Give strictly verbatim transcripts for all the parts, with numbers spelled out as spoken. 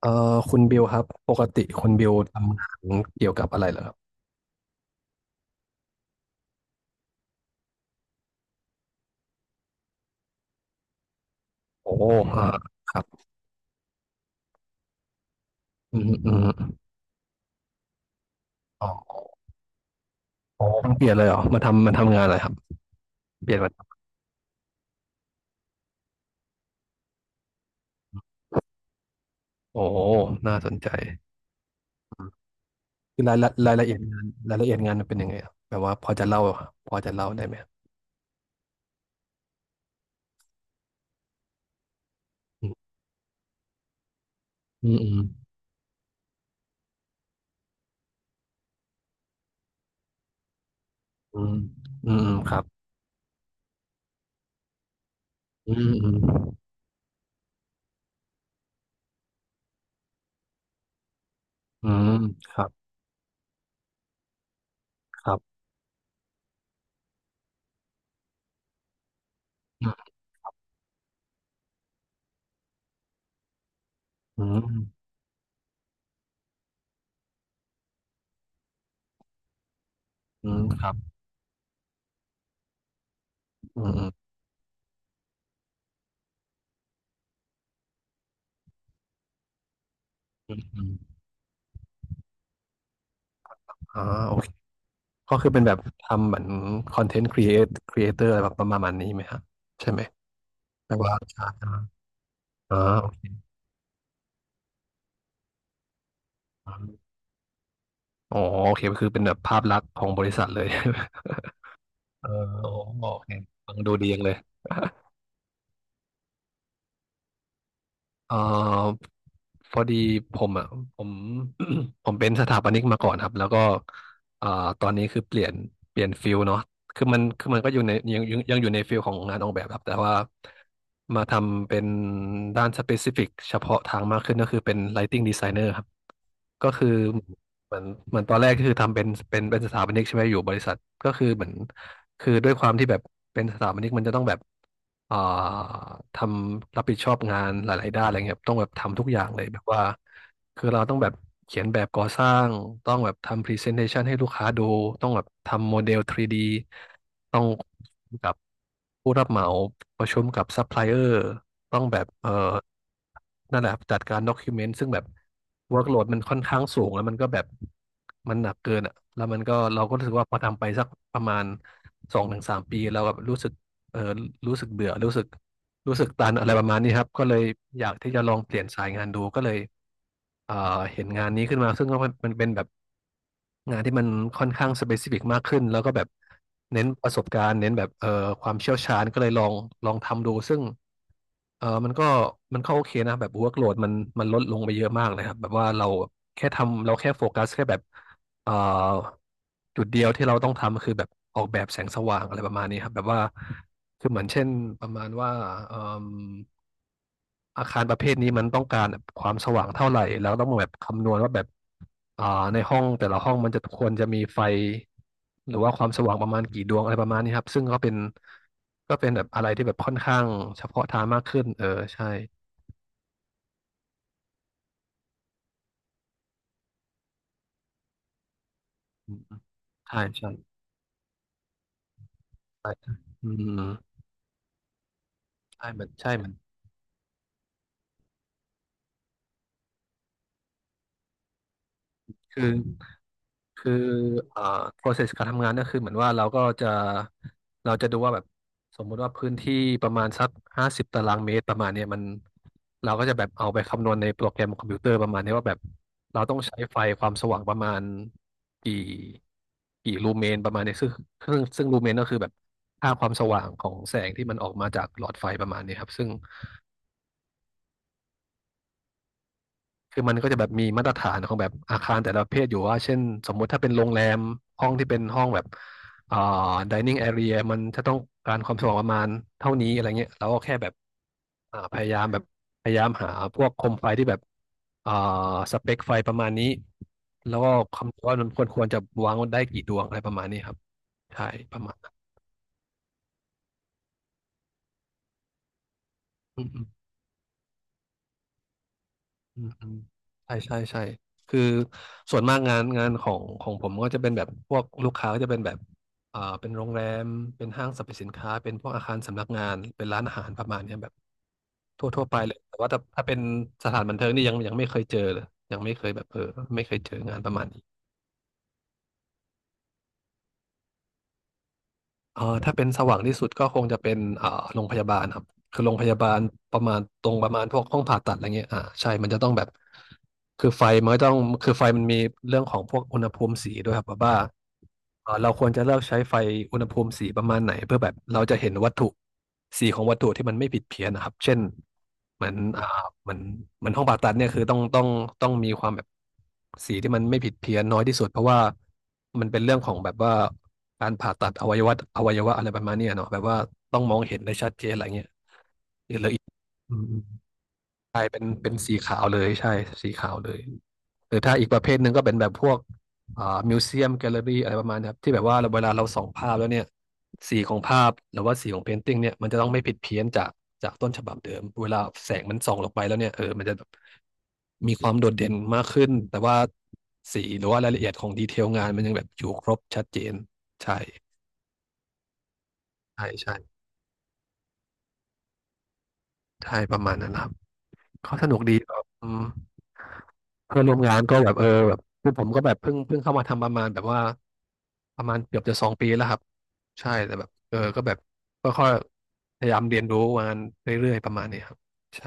เอ่อคุณบิวครับปกติคุณบิวทำงานเกี่ยวกับอะไรเหรอครับโอ้อ่าครับอืมอืมอ๋ออ๋อเพิ่งเปลี่ยนเลยเหรอมาทำมาทำงานอะไรครับเปลี่ยนมาโอ้น่าสนใจคือรายละรายละเอียดงานรายละเอียดงานมันเป็นยังไงครับแบบว่าพอจะเล่าพอจะเล่าได้ไหมอืมอืมอืมอืมอืมครับอืมอืมอืมครับครับอืมอืมอืมครับอืมอืมอืมอมอ่าโอ ก็คือเป็นแบบทำเหมือนคอนเทนต์ครีเอทครีเอเตอร์อะไรแบบประมาณนี้ไหมครับใช่ไหมแปลว่าใช่อ่าออ๋อโอเคก็คือเป็นแบบภาพลักษณ์ของบริษัทเลย เออโอโอเคฟังดูดีจังเลย เอ่อพอดีผมอ่ะผม ผมเป็นสถาปนิกมาก่อนครับแล้วก็เอ่อตอนนี้คือเปลี่ยนเปลี่ยนฟิลเนาะคือมันคือมันก็อยู่ในยังยังยังอยู่ในฟิลของงานออกแบบครับแต่ว่ามาทำเป็นด้านสเปซิฟิกเฉพาะทางมากขึ้นก็คือเป็น Lighting Designer ครับ ก็คือเหมือนเหมือนตอนแรกก็คือทำเป็นเป็นเป็นสถาปนิกใช่ไหมอยู่บริษัทก็คือเหมือนคือด้วยความที่แบบเป็นสถาปนิกมันจะต้องแบบอ่าทำรับผิดชอบงานหลายๆด้านอะไรเงี้ยครับต้องแบบทำทุกอย่างเลยแบบว่าคือเราต้องแบบเขียนแบบก่อสร้างต้องแบบทำพรีเซนเทชันให้ลูกค้าดูต้องแบบทำโมเดล ทรีดี ต้องกับผู้รับเหมาประชุมกับซัพพลายเออร์ ต้องแบบเออนั่นแหละครับจัดการด็อกิเมนต์ซึ่งแบบ workload มันค่อนข้างสูงแล้วมันก็แบบมันหนักเกินอ่ะแล้วมันก็เราก็รู้สึกว่าพอทำไปสักประมาณสองถึงสามปีเราแบบรู้สึกเออรู้สึกเบื่อรู้สึกรู้สึกตันอะไรประมาณนี้ครับก็เลยอยากที่จะลองเปลี่ยนสายงานดูก็เลยเอ่อเห็นงานนี้ขึ้นมาซึ่งก็มันเป็นแบบงานที่มันค่อนข้างสเปซิฟิกมากขึ้นแล้วก็แบบเน้นประสบการณ์เน้นแบบเอ่อความเชี่ยวชาญก็เลยลองลองทำดูซึ่ง เออมันก็มันก็โอเคนะแบบ workload มันมันลดลงไปเยอะมากเลยครับแบบว่าเราแค่ทำเราแค่โฟกัสแค่แบบเอ่อจุดเดียวที่เราต้องทำคือแบบออกแบบแสงสว่างอะไรประมาณนี้ครับแบบว่าคือเหมือนเช่นประมาณว่าเอิ่มอาคารประเภทนี้มันต้องการแบบความสว่างเท่าไหร่แล้วต้องแบบคำนวณว่าแบบอ่าในห้องแต่ละห้องมันจะควรจะมีไฟหรือว่าความสว่างประมาณกี่ดวงอะไรประมาณนี้ครับซึ่งก็เป็นก็เป็นแบบอะไรที่แบบค่อนข้างเฉพาะทางมากขึ้นเออใช่ อืมใช่ใช่ใช่อืมใช่มันใช่มันคือคือเอ่อ process การทำงานก็คือเหมือนว่าเราก็จะเราจะดูว่าแบบสมมุติว่าพื้นที่ประมาณสักห้าสิบตารางเมตรประมาณเนี้ยมันเราก็จะแบบเอาไปคำนวณในโปรแกรมคอมพิวเตอร์ประมาณเนี้ยว่าแบบเราต้องใช้ไฟความสว่างประมาณกี่กี่ลูเมนประมาณเนี้ยซึ่งซึ่งซึ่งลูเมนก็คือแบบค่าความสว่างของแสงที่มันออกมาจากหลอดไฟประมาณเนี้ยครับซึ่ง คือมันก็จะแบบมีมาตรฐานของแบบอาคารแต่ละประเภทอยู่ว่าเช่นสมมุติถ้าเป็นโรงแรมห้องที่เป็นห้องแบบอ่า dining area มันจะต้องการความสว่างประมาณเท่านี้อะไรเงี้ยเราก็แค่แบบอ่าพยายามแบบพยายามหาพวกโคมไฟที่แบบอ่าสเปคไฟประมาณนี้แล้วก็คำนวณว่ามันควรควรจะวางได้กี่ดวงอะไรประมาณนี้ครับใช่ประมาณนั้น อืมอืมใช่ใช่ใช่คือส่วนมากงานงานของของผมก็จะเป็นแบบพวกลูกค้าก็จะเป็นแบบอ่าเป็นโรงแรมเป็นห้างสรรพสินค้าเป็นพวกอาคารสำนักงานเป็นร้านอาหารประมาณเนี้ยแบบทั่วทั่วไปเลยแต่ว่าถ้าถ้าเป็นสถานบันเทิงนี่ยังยังไม่เคยเจอเลยยังไม่เคยแบบเออไม่เคยเจองานประมาณนี้อ่าถ้าเป็นสว่างที่สุดก็คงจะเป็นอ่าโรงพยาบาลครับ คือโรงพยาบาลประมาณตรงประมาณพวกห้องผ่าตัดอะไรเงี้ยอ่าใช่มันจะต้องแบบคือไฟมันก็ต้องคือไฟมันมีเรื่องของพวกอุณหภูมิสีด้วยครับแบบว่าเอ่อเราควรจะเลือกใช้ไฟอุณหภูมิสีประมาณไหนเพื่อแบบเราจะเห็นวัตถุสีของวัตถุที่มันไม่ผิดเพี้ยนนะครับ เช่นเหมือนอ่าเหมือนเหมือนห้องผ่าตัดเนี่ยคือต้องต้องต้องมีความแบบสีที่มันไม่ผิดเพี้ยนน้อยที่สุดเพราะว่ามันเป็นเรื่องของแบบว่าการผ่าตัดอวัยวะอวัยวะอะไรประมาณเนี้ยเนาะแบบว่าต้องมองเห็นได้ชัดเจนอะไรเงี้ย เอลออีกอืมอืมใช่เป็นเป็นสีขาวเลยใช่สีขาวเลยหรือถ้าอีกประเภทหนึ่งก็เป็นแบบพวกอ่ามิวเซียมแกลเลอรี่อะไรประมาณนี้ครับที่แบบว่าเราเวลาเราส่องภาพแล้วเนี่ยสีของภาพหรือว่าสีของเพนติ้งเนี่ยมันจะต้องไม่ผิดเพี้ยนจากจากต้นฉบับเดิมเวลาแสงมันส่องลงไปแล้วเนี่ยเออมันจะแบบมีความโดดเด่นมากขึ้นแต่ว่าสีหรือว่ารายละเอียดของดีเทลงานมันยังแบบอยู่ครบชัดเจนใช่ใช่ใช่ใช่ประมาณนั้นครับ เขาสนุกดีแบบอืมเพื่อนร่วมงานก็แบบเออแบบคือผมก็แบบเพิ่งเพิ่งเข้ามาทำประมาณแบบว่าประมาณเกือบจะสองปีแล้วครับใช่แต่แบบเออก็แบบก็ค่อยๆพยายามเรียนรู้มานเรื่อยๆประมาณนี้ครับใช่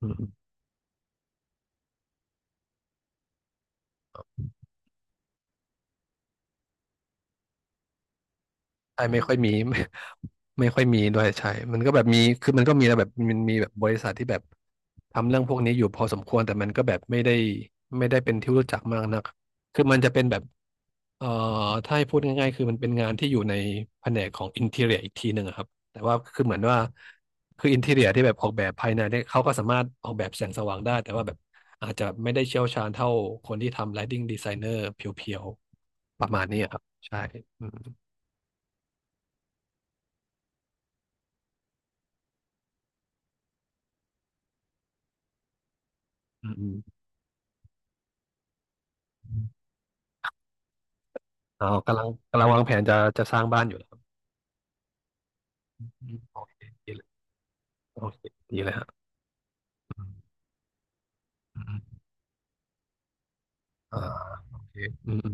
อืมใช่ไม่ค่อยมี ไม่ไม่ค่อยมีด้วยใช่มันก็แบบมีคือมันก็มีนะแบบมันมีแบบบริษัทที่แบบทำเรื่องพวกนี้อยู่พอสมควรแต่มันก็แบบไม่ได้ไม่ได้เป็นที่รู้จักมากนักคือมันจะเป็นแบบ เอ่อถ้าให้พูดง่ายๆคือมันเป็นงานที่อยู่ในแผนกของอินทีเรียอีกทีหนึ่งอะครับแต่ว่าคือเหมือนว่าคืออินทีเรียที่แบบออกแบบภายในเนี่ยเขาก็สามารถออกแบบแสงสว่างได้แต่ว่าแบบอาจจะไม่ได้เชี่ยวชาญเท่าคนที่ทำ Lighting Designer เพียวๆประมาณนี้อะครับใช่อืมอืมอืมเอากำลังกำลังวางแผนจะจะสร้างบ้านอยู่แล้วครับอืมโอเคดีเลยโอเคดีเลยฮะอืมอืมอ่าโอเคอืม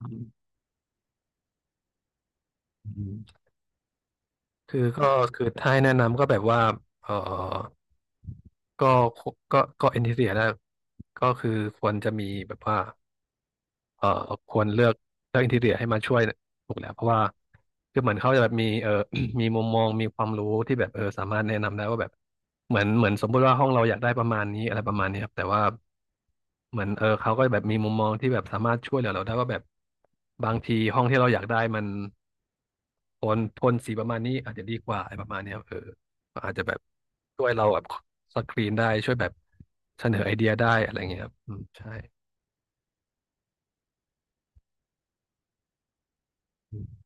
อืมอืม คือก็คือถ้าให้แนะนำก็แบบว่าเออก็ก็ก็เอนทีเรียนะก็คือควรจะมีแบบว่า เอ่อควรเลือกเลือกอินทีเรียให้มาช่วยถูกแล้วเพราะว่าคือเหมือนเขาจะแบบมีเอ่อ มีมุมมองมีความรู้ที่แบบเออสามารถแนะนำได้ว่าแบบเหมือนเหมือนสมมุติว่าห้องเราอยากได้ประมาณนี้อะไรประมาณนี้ครับแต่ว่าเหมือนเออเขาก็แบบมีมุมมองที่แบบสามารถช่วยเหลือเราได้ว่าแบบบางทีห้องที่เราอยากได้มันโทนโทนสีประมาณนี้อาจจะดีกว่าอะไรประมาณนี้ครับเออก็อาจจะแบบช่วยเราแบบสกรีนได้ช่วยแบบเสนอไอเดียได้อะไรอย่างเงี้ยครับอืมใช่อืม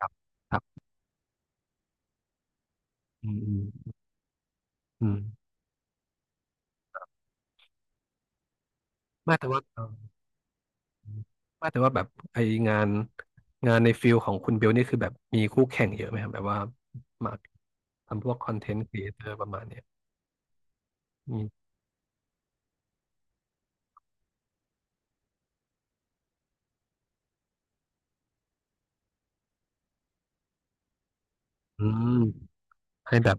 ครับ อืมอืมอืมไมาแต่ว่าเออไมาแต่ว่าแบบไองานงานในฟิลของคุณเบลนี่คือแบบมีคู่แข่งเยอะไหมครับแบบว่ามาทำพวกคอนเทนต์ครีเอเตอร์ประมาณเนี้ยอืมอืมให้แบบ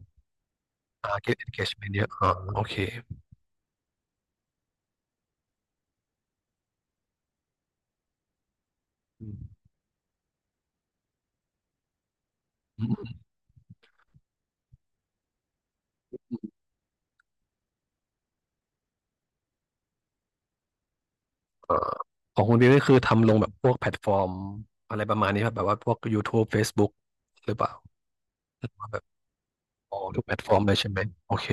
อ่า get engagement เยอะอ๋อโอเคอืมอืมอืมเอ่อของคุณเบลนี่คือทำลงแบบพวกแพลตฟอร์มอะไรประมาณนี้ครับแบบว่าพวก YouTube Facebook หรือเปล่าว่าแบบออทุกแพลตฟอร์มเลยใช่ไหมโอเค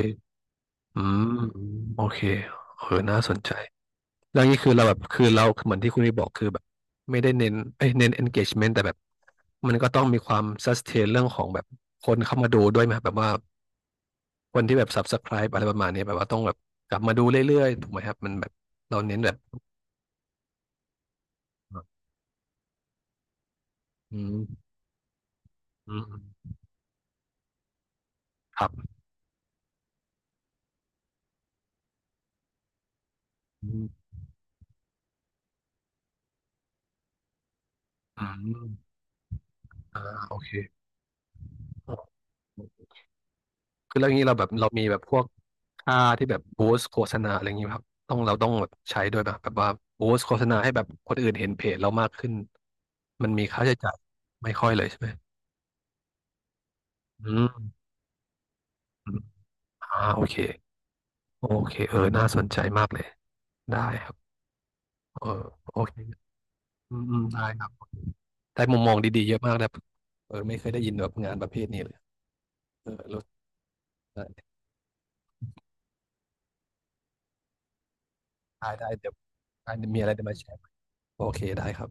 อืมโอเคเออน่าสนใจ แล้วนี่คือเราแบบคือเราเหมือนที่คุณพี่บอกคือแบบไม่ได้เน้นเอ้ยเน้น engagement แต่แบบมันก็ต้องมีความ sustain เรื่องของแบบคนเข้ามาดูด้วยไหมครับแบบว่าคนที่แบบ subscribe อะไรประมาณนี้แบบว่าต้องแบบกลับมาดูเรื่อยๆถูกไหมครับมันแบบเราเน้นแบบอืมอืมครับอืมอืมอ่าโอเคคือเรื่องนี้เราแบบเรามีแบบพวก ค่าที่แบบบูสต์โฆษณาอะไรอย่างนี้ครับต้องเราต้องแบบใช้ด้วยป่ะแบบว่าบูสต์โฆษณาให้แบบคนอื่นเห็นเพจเรามากขึ้นมันมีค่าใช้จ่ายไม่ค่อยเลยใช่ไหมอืมอมอ่าโอเคโอเคเออน่าสนใจมากเลยได้ครับเออโอเคอืมอืมได้ครับได้มุมมองดีๆเยอะมากนะเออไม่เคยได้ยินแบบงานประเภทนี้เลยเออรู้ได้ได้ได้เดี๋ยวได้มีอะไรเดี๋ยวมาแชร์โอเคได้ครับ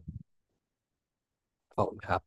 ขอบคุณครับ